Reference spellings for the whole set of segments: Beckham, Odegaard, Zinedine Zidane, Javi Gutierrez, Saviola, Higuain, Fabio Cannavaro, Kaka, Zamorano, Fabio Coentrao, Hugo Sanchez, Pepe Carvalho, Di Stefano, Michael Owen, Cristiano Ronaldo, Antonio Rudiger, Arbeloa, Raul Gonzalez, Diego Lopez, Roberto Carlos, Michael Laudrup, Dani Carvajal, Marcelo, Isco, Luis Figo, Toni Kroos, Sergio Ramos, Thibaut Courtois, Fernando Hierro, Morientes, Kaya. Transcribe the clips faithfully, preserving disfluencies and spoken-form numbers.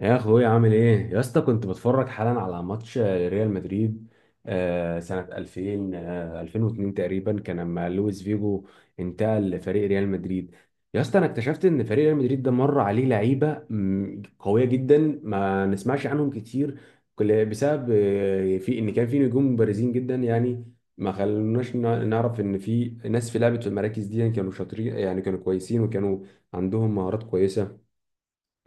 يا اخويا عامل ايه يا اسطى؟ كنت بتفرج حالا على ماتش ريال مدريد. آه، سنة ألفين. آه، ألفين واثنين تقريبا كان لما لويس فيجو انتقل لفريق ريال مدريد. يا اسطى، انا اكتشفت ان فريق ريال مدريد ده مر عليه لعيبة مم، قوية جدا. ما نسمعش عنهم كتير كل- بسبب آه، في ان كان في نجوم بارزين جدا يعني ما خلوناش نع- نعرف ان في ناس في لعبة في المراكز دي، يعني كانوا شاطرين، يعني كانوا كويسين وكانوا عندهم مهارات كويسة.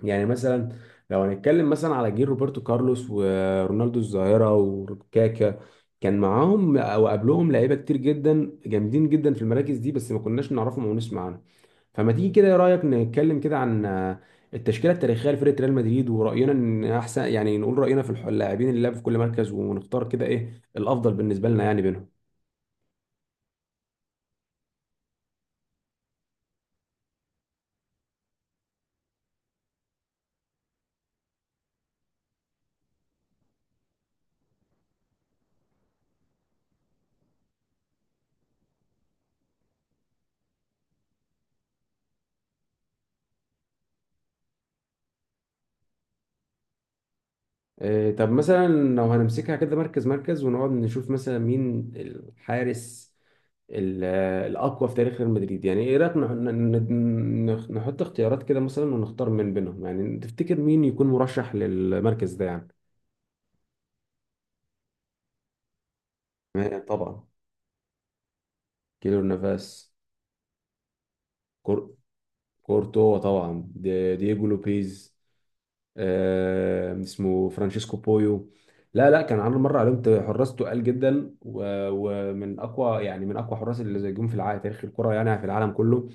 يعني مثلا لو هنتكلم مثلا على جيل روبرتو كارلوس ورونالدو الظاهرة وكاكا، كان معاهم او قبلهم لعيبه كتير جدا جامدين جدا في المراكز دي بس ما كناش نعرفهم او نسمع عنهم. فما تيجي كده، ايه رايك نتكلم كده عن آه، التشكيله التاريخيه لفرقه ريال مدريد؟ وراينا ان احسن، يعني نقول راينا في الح- اللاعبين اللي لعبوا في كل مركز ونختار كده ايه الافضل بالنسبه لنا يعني بينهم. آه، طب مثلا لو هنمسكها كده مركز مركز ونقعد نشوف مثلا مين الحارس ال- الاقوى في تاريخ ريال مدريد؟ يعني ايه رايك نح- ن- ن- نحط اختيارات كده مثلا ونختار من بينهم؟ يعني تفتكر مين يكون مرشح للمركز ده يعني؟ آه، طبعا. كيلور نافاس. كور... كورتوا طبعا، دي... دييجو لوبيز. آه... اسمه فرانشيسكو بويو. لا لا، كان عامل مره عليهم حراس تقال جدا و... ومن اقوى، يعني من اقوى حراس اللي جم في العالم، تاريخ الكره يعني في العالم كله.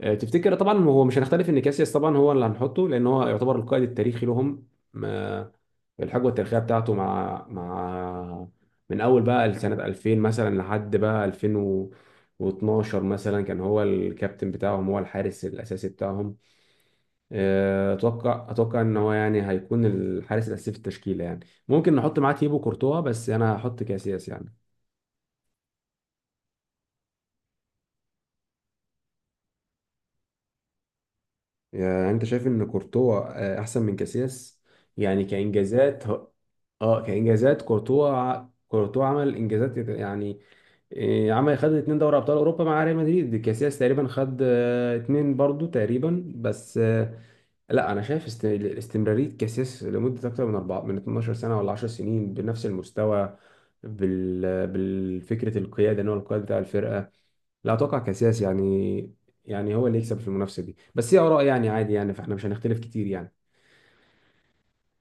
آه، تفتكر؟ طبعا هو مش هنختلف ان كاسياس طبعا هو اللي هنحطه، لان هو يعتبر القائد التاريخي لهم. ما- الحقبه التاريخيه بتاعته مع مع من اول بقى سنه ألفين مثلا لحد بقى ألفين واثنا عشر مثلا، كان هو الكابتن بتاعهم، هو الحارس الاساسي بتاعهم. آه، اتوقع اتوقع ان هو يعني هيكون الحارس الاساسي في التشكيله يعني. ممكن نحط معاه تيبو كورتوا بس انا هحط كاسياس يعني. يعني انت شايف ان كورتوا آه، احسن من كاسياس، يعني كانجازات هو- اه كانجازات كورتوا ع- كورتوا عمل انجازات يت- يعني. آه، عمل، خد اتنين دوري ابطال اوروبا مع ريال مدريد. كاسياس تقريبا خد آه، اتنين برضو تقريبا، بس آه، لا انا شايف است- استمرارية كاسياس لمدة اكتر من اربعة، من 12 سنة ولا 10 سنين بنفس المستوى، بال بالفكرة القيادة ان هو القائد بتاع الفرقة. لا، اتوقع كاسياس يعني، يعني هو اللي يكسب في المنافسه دي. بس هي اراء يعني، عادي يعني، فاحنا مش هنختلف كتير يعني.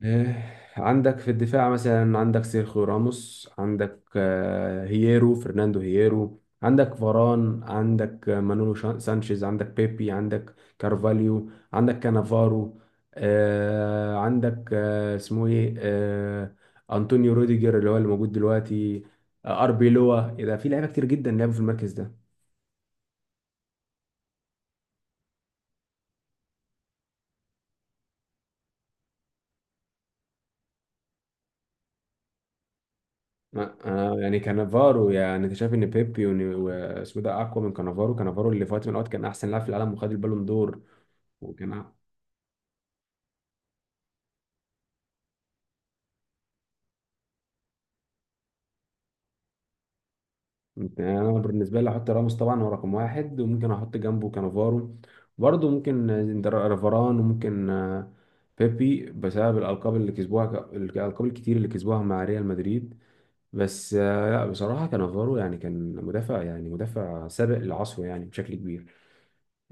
آه، عندك في الدفاع مثلا عندك سيرخيو راموس، عندك آه، هييرو، فرناندو هييرو، عندك فاران، عندك آه، مانولو شا- سانشيز، عندك بيبي، عندك كارفاليو، عندك كانافارو. آه، عندك آه، اسمه ايه؟ آه، انطونيو روديجر اللي هو اللي موجود دلوقتي. آه، اربيلوا، إيه ده، في لعيبه كتير جدا لعبوا في المركز ده. آه يعني كانافارو، يعني انت شايف ان بيبي ون- واسمه ده اقوى من كانافارو؟ كانافارو اللي في وقت من الاوقات كان احسن لاعب في العالم وخد البالون دور. وكان أ- انا بالنسبه لي احط راموس طبعا، هو رقم واحد، وممكن احط جنبه كانافارو، برضه ممكن در- رافاران، وممكن آه، بيبي بسبب الالقاب اللي كسبوها، ك- الالقاب الكتير اللي كسبوها مع ريال مدريد. بس آه، لا، بصراحه كانافارو يعني كان مدافع، يعني مدافع سابق لعصره يعني بشكل كبير.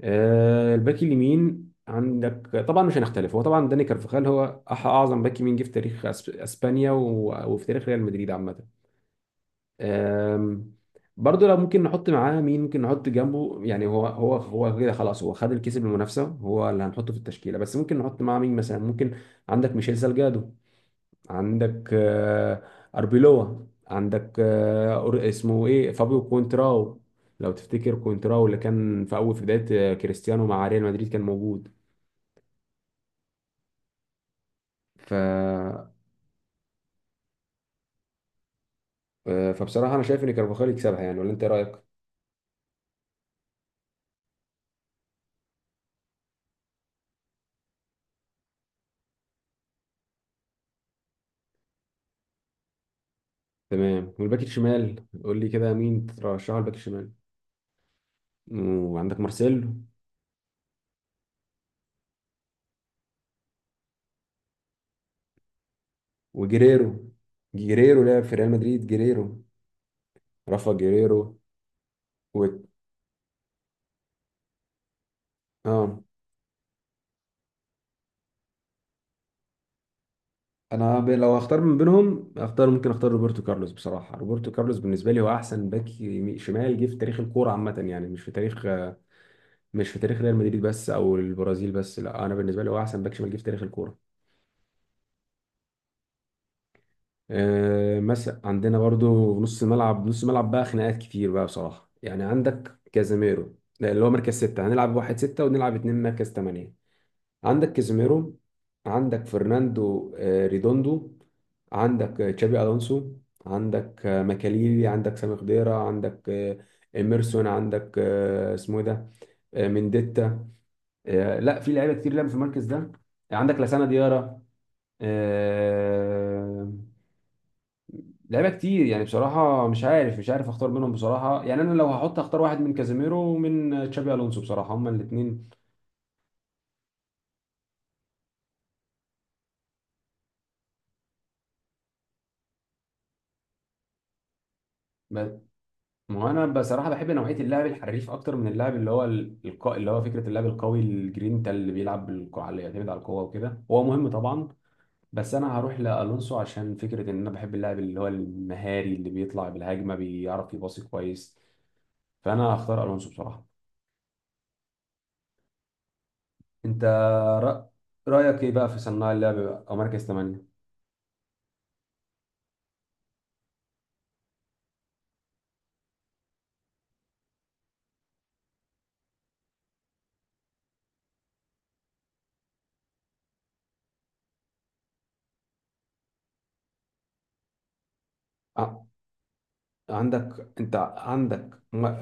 آه، الباك اليمين عندك طبعا مش هنختلف، هو طبعا داني كارفخال هو أح- اعظم باك يمين جه في تاريخ أس- اسبانيا و- وفي تاريخ ريال مدريد عامه. آم، برضه لو ممكن نحط معاه مين، ممكن نحط جنبه يعني؟ هو هو هو كده خلاص، هو خد الكيس بالمنافسه، هو اللي هنحطه في التشكيله، بس ممكن نحط معاه مين مثلا؟ ممكن عندك ميشيل سالجادو، عندك آه، أربيلوا، عندك آه، أور- اسمه إيه، فابيو كونتراو. لو تفتكر كونتراو اللي كان في أول، في بداية آه، كريستيانو مع ريال مدريد كان موجود. ف آه، فبصراحة أنا شايف إن كارفاخال يكسبها، يعني ولا أنت إيه رأيك؟ تمام. والباك الشمال قول لي كده مين ترشحه الباك الشمال؟ وعندك مارسيلو وجيريرو. جيريرو لعب في ريال مدريد. جيريرو، رافا جيريرو و... اه انا ب... لو اختار من بينهم اختار، ممكن اختار روبرتو كارلوس بصراحه. روبرتو كارلوس بالنسبه لي هو احسن باك يمي- شمال جه في تاريخ الكوره عامه، يعني مش في تاريخ مش في تاريخ ريال مدريد بس او البرازيل بس، لا، انا بالنسبه لي هو احسن باك شمال جه في تاريخ الكوره. أه مثلا عندنا برضو نص الملعب. نص الملعب بقى خناقات كتير بقى بصراحه يعني. عندك كازاميرو، ده اللي هو مركز ستة، هنلعب واحد ستة ونلعب اتنين مركز تمانية. عندك كازيميرو، عندك فرناندو آه، ريدوندو، عندك آه، تشابي الونسو، عندك آه، ماكاليلي، عندك سامي خضيرة، عندك آه، ايميرسون، عندك آه، اسمه إيه ده؟ آه، منديتا. آه، لا، في لعيبه كتير لعبوا في المركز ده. عندك لسانا ديارra. آه، لعيبه كتير يعني. بصراحه مش عارف، مش عارف اختار منهم بصراحه، يعني انا لو هحط اختار واحد من كازيميرو ومن تشابي الونسو بصراحه. هما الاثنين، ما هو انا بصراحه بحب نوعيه اللعب الحريف اكتر من اللعب اللي هو ال- الق... اللي هو فكره اللعب القوي الجرينتا، اللي بيلعب بالقوه، اللي يعتمد على القوه وكده. هو مهم طبعا، بس انا هروح لالونسو عشان فكره ان انا بحب اللاعب اللي هو المهاري، اللي بيطلع بالهجمه، بيعرف يباصي كويس. فانا هختار الونسو بصراحه. انت رأ... رايك ايه بقى في صناع اللعب بقى؟ او مركز تمانية؟ عندك انت، عندك م-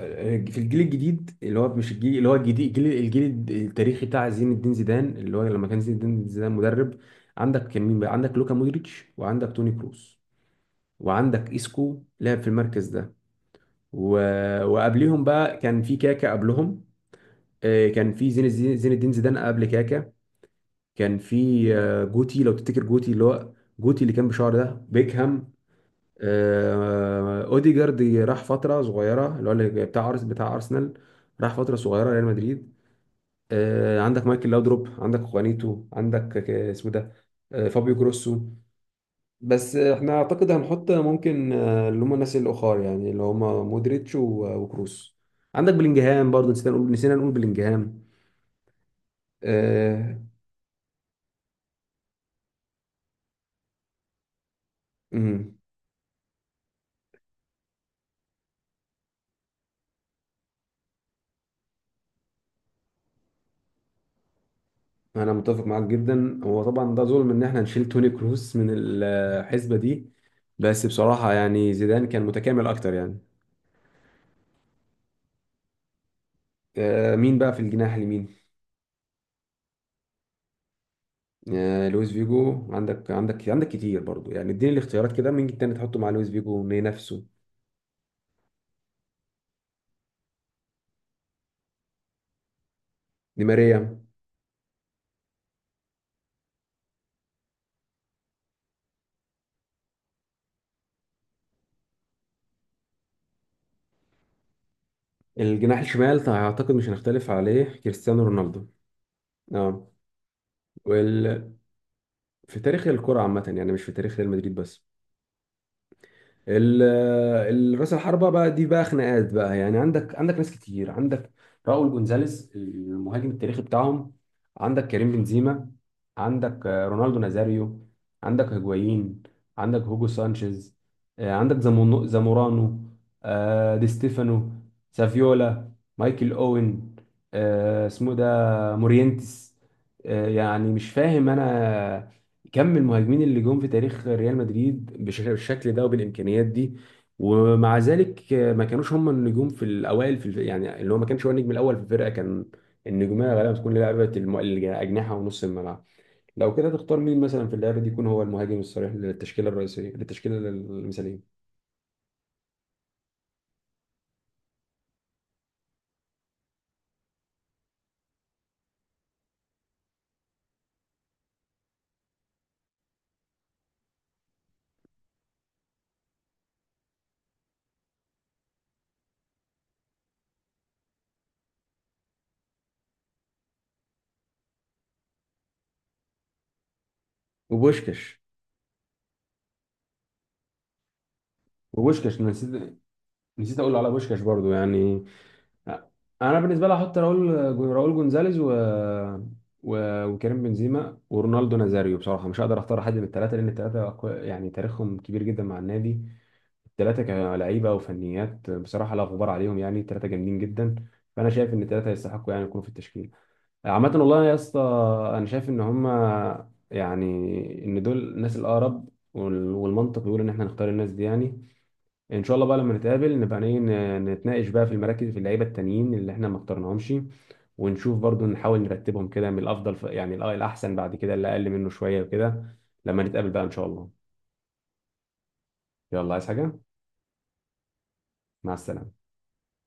في الجيل الجديد اللي هو مش الجيل اللي هو الجديد، الجيل الجيل التاريخي بتاع زين الدين زيدان، اللي هو لما كان زين الدين زيدان مدرب. عندك كان مين بقى؟ عندك لوكا مودريتش وعندك توني كروس وعندك اسكو لعب في المركز ده و... وقبليهم بقى كان في كاكا قبلهم. آه، كان في زين الدين، زين الدين زيدان قبل كاكا. كان في آه، جوتي، لو تفتكر جوتي اللي هو، جوتي اللي كان بشعر ده، بيكهام. آه، اوديجارد راح فتره صغيره، اللي هو اللي بتاع أرس بتاع ارسنال، راح فتره صغيره ريال مدريد. آه، عندك مايكل لاودروب، عندك خوانيتو، عندك ك- اسمه ده آه، فابيو كروسو. بس احنا اعتقد هنحط ممكن آه، اللي هم الناس الاخر يعني، اللي هم مودريتش و- وكروس. عندك بلينجهام برضه. نسينا نقول، نسينا نقول بلينجهام. آه، مم. انا متفق معاك جدا. هو طبعا ده ظلم ان احنا نشيل توني كروس من الحسبة دي، بس بصراحة يعني زيدان كان متكامل اكتر يعني. آه، مين بقى في الجناح اليمين؟ آه، لويس فيجو. عندك عندك عندك كتير برضو يعني، اديني الاختيارات كده، مين تاني تحطه مع لويس فيجو، مين نفسه؟ دي ماريا. الجناح الشمال اعتقد مش هنختلف عليه، كريستيانو رونالدو. اه وال... في تاريخ الكرة عامة يعني، مش في تاريخ ريال مدريد بس. ال- ال- راس الحربة بقى، دي بقى خناقات بقى يعني. عندك عندك ناس كتير. عندك راؤول جونزاليس، المهاجم التاريخي بتاعهم. عندك كريم بنزيما. عندك آه، رونالدو نازاريو. عندك هيجوايين. عندك هوجو سانشيز. آه، عندك زامونو- زامورانو. آه، دي ستيفانو. سافيولا. مايكل اوين. آه، اسمه ده مورينتس. آه، يعني مش فاهم انا كم المهاجمين اللي جم في تاريخ ريال مدريد بالش- بالشكل ده وبالامكانيات دي. ومع ذلك آه، ما كانوش هم النجوم في الاوائل في الف... يعني، اللي هو ما كانش هو النجم الاول في الفرقه. كان النجوميه غالبا بتكون لعيبه الم... الاجنحه ونص الملعب. لو كده تختار مين مثلا في اللعبه دي يكون هو المهاجم الصريح للتشكيله الرئيسيه، للتشكيله المثاليه؟ وبوشكش وبوشكش أنا نسيت، نسيت اقول على بوشكش برضو يعني. انا بالنسبه لي هحط راؤول، راؤول جونزاليز و... و... وكريم بنزيما ورونالدو نازاريو. بصراحه مش هقدر اختار حد من الثلاثه لان الثلاثه كو- يعني تاريخهم كبير جدا مع النادي. الثلاثه كلعيبه وفنيات بصراحه لا غبار عليهم، يعني الثلاثه جامدين جدا. فانا شايف ان الثلاثه يستحقوا يعني يكونوا في التشكيل عامه. والله يا اسطى، انا شايف ان هم، يعني، ان دول الناس الاقرب، وال- والمنطق بيقول ان احنا نختار الناس دي يعني. ان شاء الله بقى لما نتقابل نبقى إيه، ن- نتناقش بقى في المراكز، في اللعيبه التانيين اللي احنا ما اخترناهمش، ونشوف برضو، نحاول نرتبهم كده من الافضل ف- يعني الأ- الاحسن، بعد كده اللي اقل منه شويه وكده. لما نتقابل بقى ان شاء الله. يلا، عايز حاجه؟ مع السلامه.